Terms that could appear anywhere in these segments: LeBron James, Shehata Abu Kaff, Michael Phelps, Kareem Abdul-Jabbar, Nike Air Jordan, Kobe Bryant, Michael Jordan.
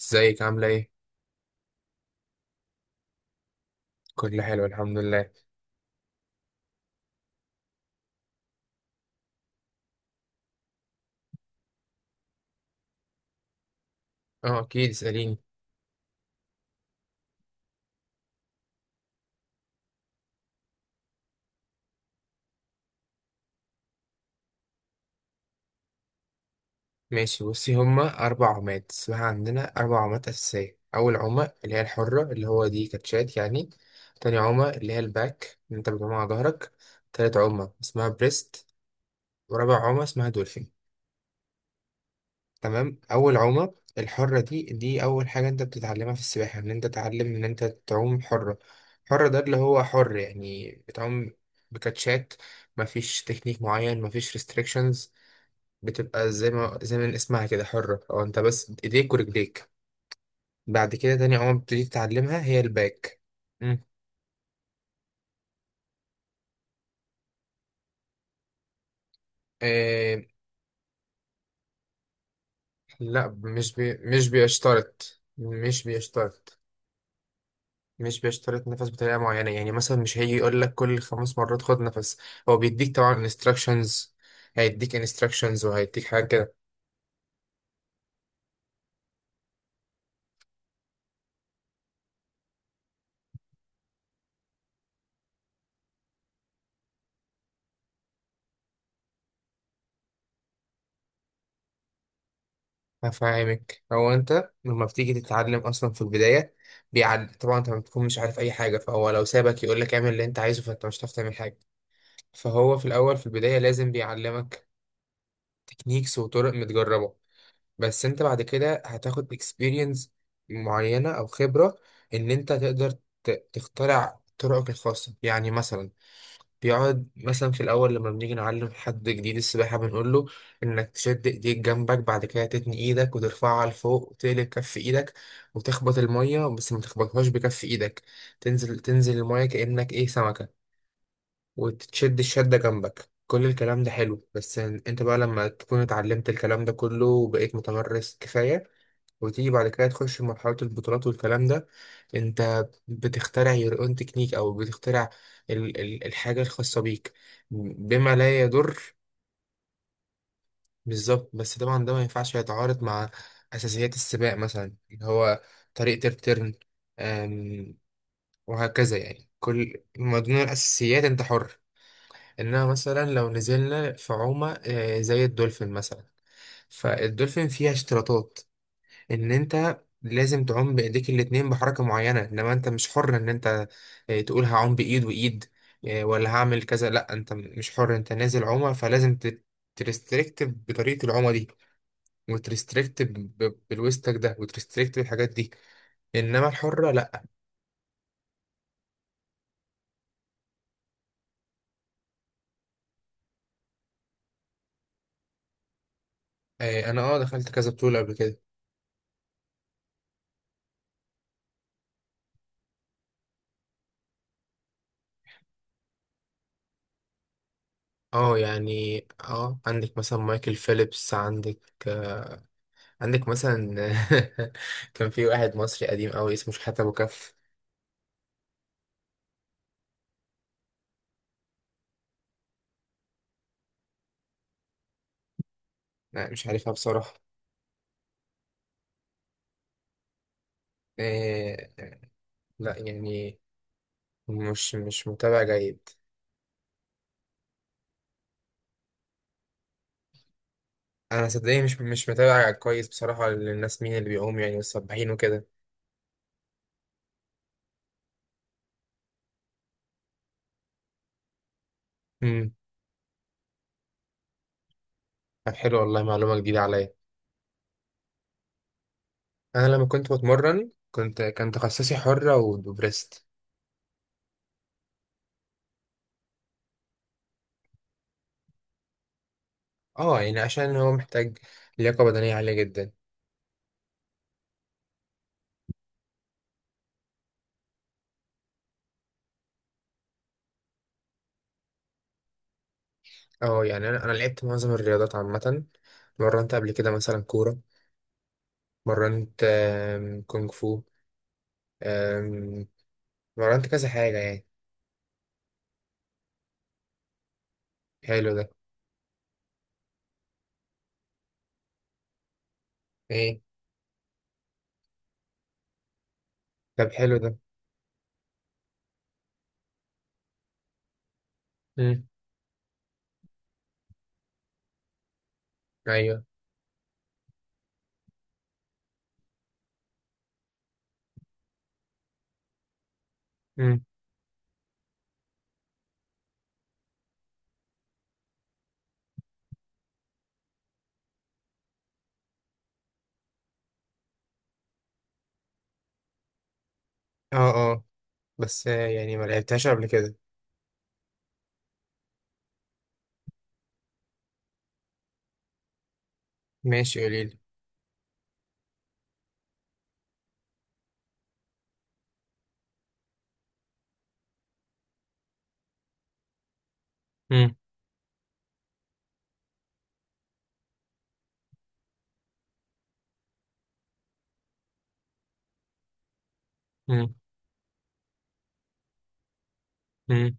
ازيك عاملة ايه؟ كل حلو، الحمد لله. اه، اكيد اسأليني. ماشي، بصي. هما 4 عمات اسمها، عندنا 4 عمات أساسية. أول عمة اللي هي الحرة، اللي هو دي كاتشات يعني. تاني عمة اللي هي الباك، اللي انت بتعوم على ظهرك. تالت عمة اسمها بريست. ورابع عمة اسمها دولفين. تمام. أول عمة الحرة دي أول حاجة انت بتتعلمها في السباحة، ان انت تتعلم ان انت تعوم حرة. حرة ده اللي هو حر يعني، بتعوم بكاتشات. مفيش تكنيك معين، مفيش restrictions. بتبقى زي ما اسمها كده، حرة. او انت بس ايديك ورجليك. بعد كده تاني عمر بتبتدي تتعلمها هي الباك. مم. إيه. لا مش بيشترط. مش بيشترط نفس بطريقة معينة، يعني مثلا مش هيجي يقول لك كل 5 مرات خد نفس. هو بيديك طبعا instructions، هيديك instructions وهيديك حاجة كده. هفهمك، هو انت لما بتيجي تتعلم اصلا في البداية، بيعد طبعا انت ما بتكون مش عارف اي حاجة، فهو لو سابك يقول لك اعمل اللي انت عايزه فانت مش هتعرف تعمل حاجة. فهو في الأول في البداية لازم بيعلمك تكنيكس وطرق متجربة. بس انت بعد كده هتاخد experience معينة أو خبرة، إن انت تقدر تخترع طرقك الخاصة. يعني مثلا بيقعد مثلا في الأول لما بنيجي نعلم حد جديد السباحة بنقول له إنك تشد إيديك جنبك، بعد كده تتني إيدك وترفعها لفوق وتقلب كف إيدك وتخبط المية، بس ما تخبطهاش بكف إيدك، تنزل تنزل المية كأنك إيه سمكة، وتشد الشدة جنبك. كل الكلام ده حلو، بس انت بقى لما تكون اتعلمت الكلام ده كله وبقيت متمرس كفاية وتيجي بعد كده تخش في مرحلة البطولات والكلام ده، انت بتخترع your own تكنيك، او بتخترع ال ال الحاجة الخاصة بيك، بما لا يضر. بالظبط، بس طبعا ده ما ينفعش يتعارض مع أساسيات السباق، مثلا اللي هو طريقة الترن، أم، وهكذا. يعني كل من ضمن الأساسيات انت حر. انها مثلا لو نزلنا في عومة، زي الدولفين مثلا، فالدولفين فيها اشتراطات ان انت لازم تعوم بايديك الاتنين بحركة معينة. انما انت مش حر ان انت تقول هعوم بايد وايد، ولا هعمل كذا. لا انت مش حر، انت نازل عومة، فلازم ترستريكت بطريقة العومة دي، وترستريكت بالويستك ده، وترستريكت بالحاجات دي. انما الحرة لا. انا اه دخلت كذا بطولة قبل كده. اه يعني، اه عندك مثلا مايكل فيليبس، عندك مثلا كان في واحد مصري قديم قوي اسمه شحاتة أبو كف. لا مش عارفها بصراحة. إيه. لا يعني، مش متابع جيد. أنا صدقني مش متابع كويس بصراحة للناس مين اللي بيقوم يعني والسباحين وكده. امم طب حلو، والله معلومة جديدة عليا. أنا لما كنت بتمرن كنت كان تخصصي حرة وبريست. اه يعني عشان هو محتاج لياقة بدنية عالية جدا. اه يعني أنا لعبت معظم الرياضات عامة. مرنت قبل كده مثلا كورة، مرنت كونغ فو، آم، مرنت كذا حاجة يعني. حلو ده. ايه؟ طب حلو ده. مم. ايوه. مم. اه اه، بس يعني ما لعبتهاش قبل كده. ماشي قوليلي. مم. مم. مم.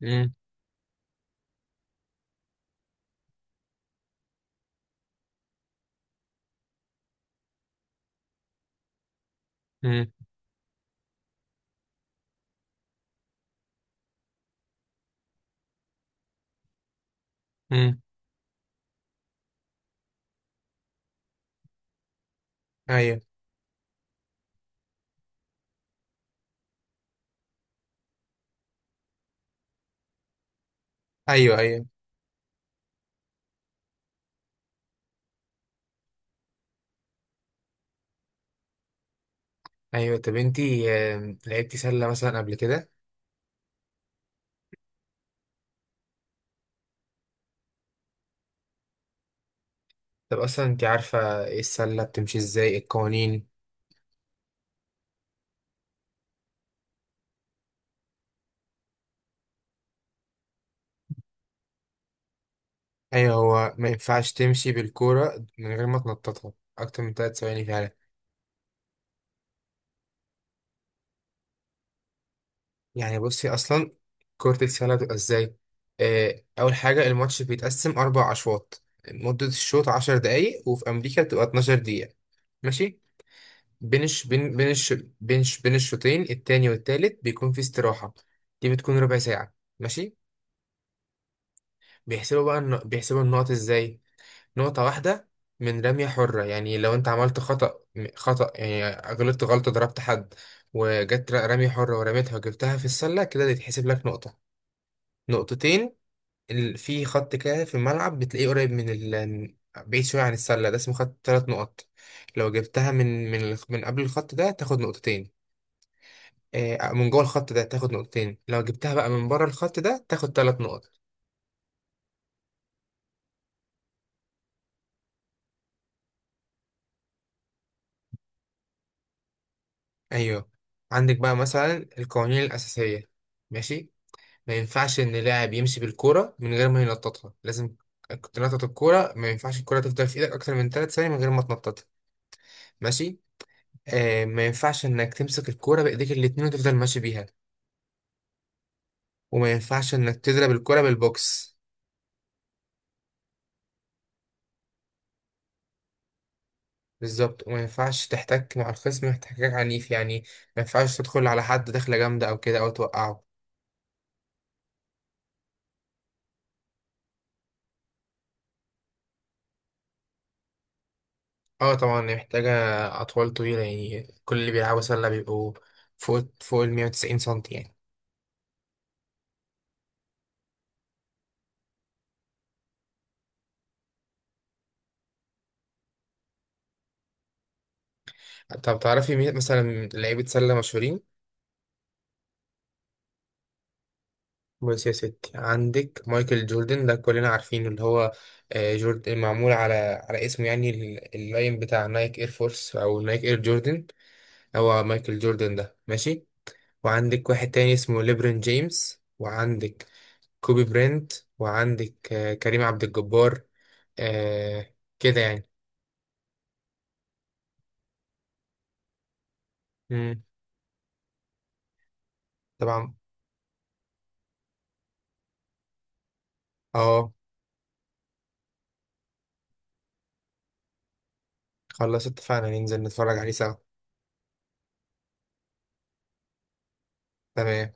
مم. مم. مم. ايوه. ايوه. ايوه. ايوه طب انتي، لعبتي سلة مثلا قبل كده؟ طب اصلا انتي عارفة ايه السلة بتمشي ازاي، القوانين؟ ايوه، هو ما ينفعش تمشي بالكورة من غير ما تنططها اكتر من 3 ثواني فعلا. يعني بصي اصلا كرة السلة بتبقى ازاي. اول حاجة الماتش بيتقسم 4 اشواط. مدة الشوط 10 دقايق، وفي امريكا بتبقى 12 دقيقة. ماشي. بين الش... بين بين الش... بين الشوطين التاني والتالت بيكون في استراحة، دي بتكون ربع ساعة. ماشي. بيحسبوا بقى بيحسبوا النقط ازاي. نقطة واحدة من رمية حرة، يعني لو انت عملت خطأ، خطأ يعني غلطت غلطة ضربت حد وجت رمية حرة ورميتها وجبتها في السلة كده، يتحسب لك نقطة. نقطتين، في خط كده في الملعب بتلاقيه قريب من ال بعيد شوية عن السلة، ده اسمه خط 3 نقط. لو جبتها من من قبل الخط ده تاخد نقطتين. من جوه الخط ده تاخد نقطتين، لو جبتها بقى من بره الخط ده تاخد 3 نقط. أيوه. عندك بقى مثلا القوانين الأساسية. ماشي. ما ينفعش إن لاعب يمشي بالكورة من غير ما ينططها، لازم تنطط الكورة. ما ينفعش الكورة تفضل في إيدك أكتر من 3 ثواني من غير ما تنططها. ماشي. آه، ما ينفعش إنك تمسك الكورة بإيديك الاتنين وتفضل ماشي بيها. وما ينفعش انك تضرب الكرة بالبوكس. بالظبط. وما ينفعش تحتك مع الخصم احتكاك عنيف، يعني ما ينفعش تدخل على حد دخلة جامدة او كده او توقعه. اه طبعا هي محتاجة اطوال طويلة، يعني كل اللي بيلعبوا سلة بيبقوا فوق ال 190 سنتي يعني. طب تعرفي مين مثلا لعيبة سلة مشهورين؟ بص يا ستي، عندك مايكل جوردن ده كلنا عارفينه، اللي هو جوردن معمول على على اسمه، يعني اللاين بتاع نايك اير فورس او نايك اير جوردن، هو مايكل جوردن ده. ماشي. وعندك واحد تاني اسمه ليبرون جيمس، وعندك كوبي برينت، وعندك كريم عبد الجبار. آه كده يعني. مم. طبعا. اه. خلاص اتفقنا ننزل نتفرج عليه سوا. تمام.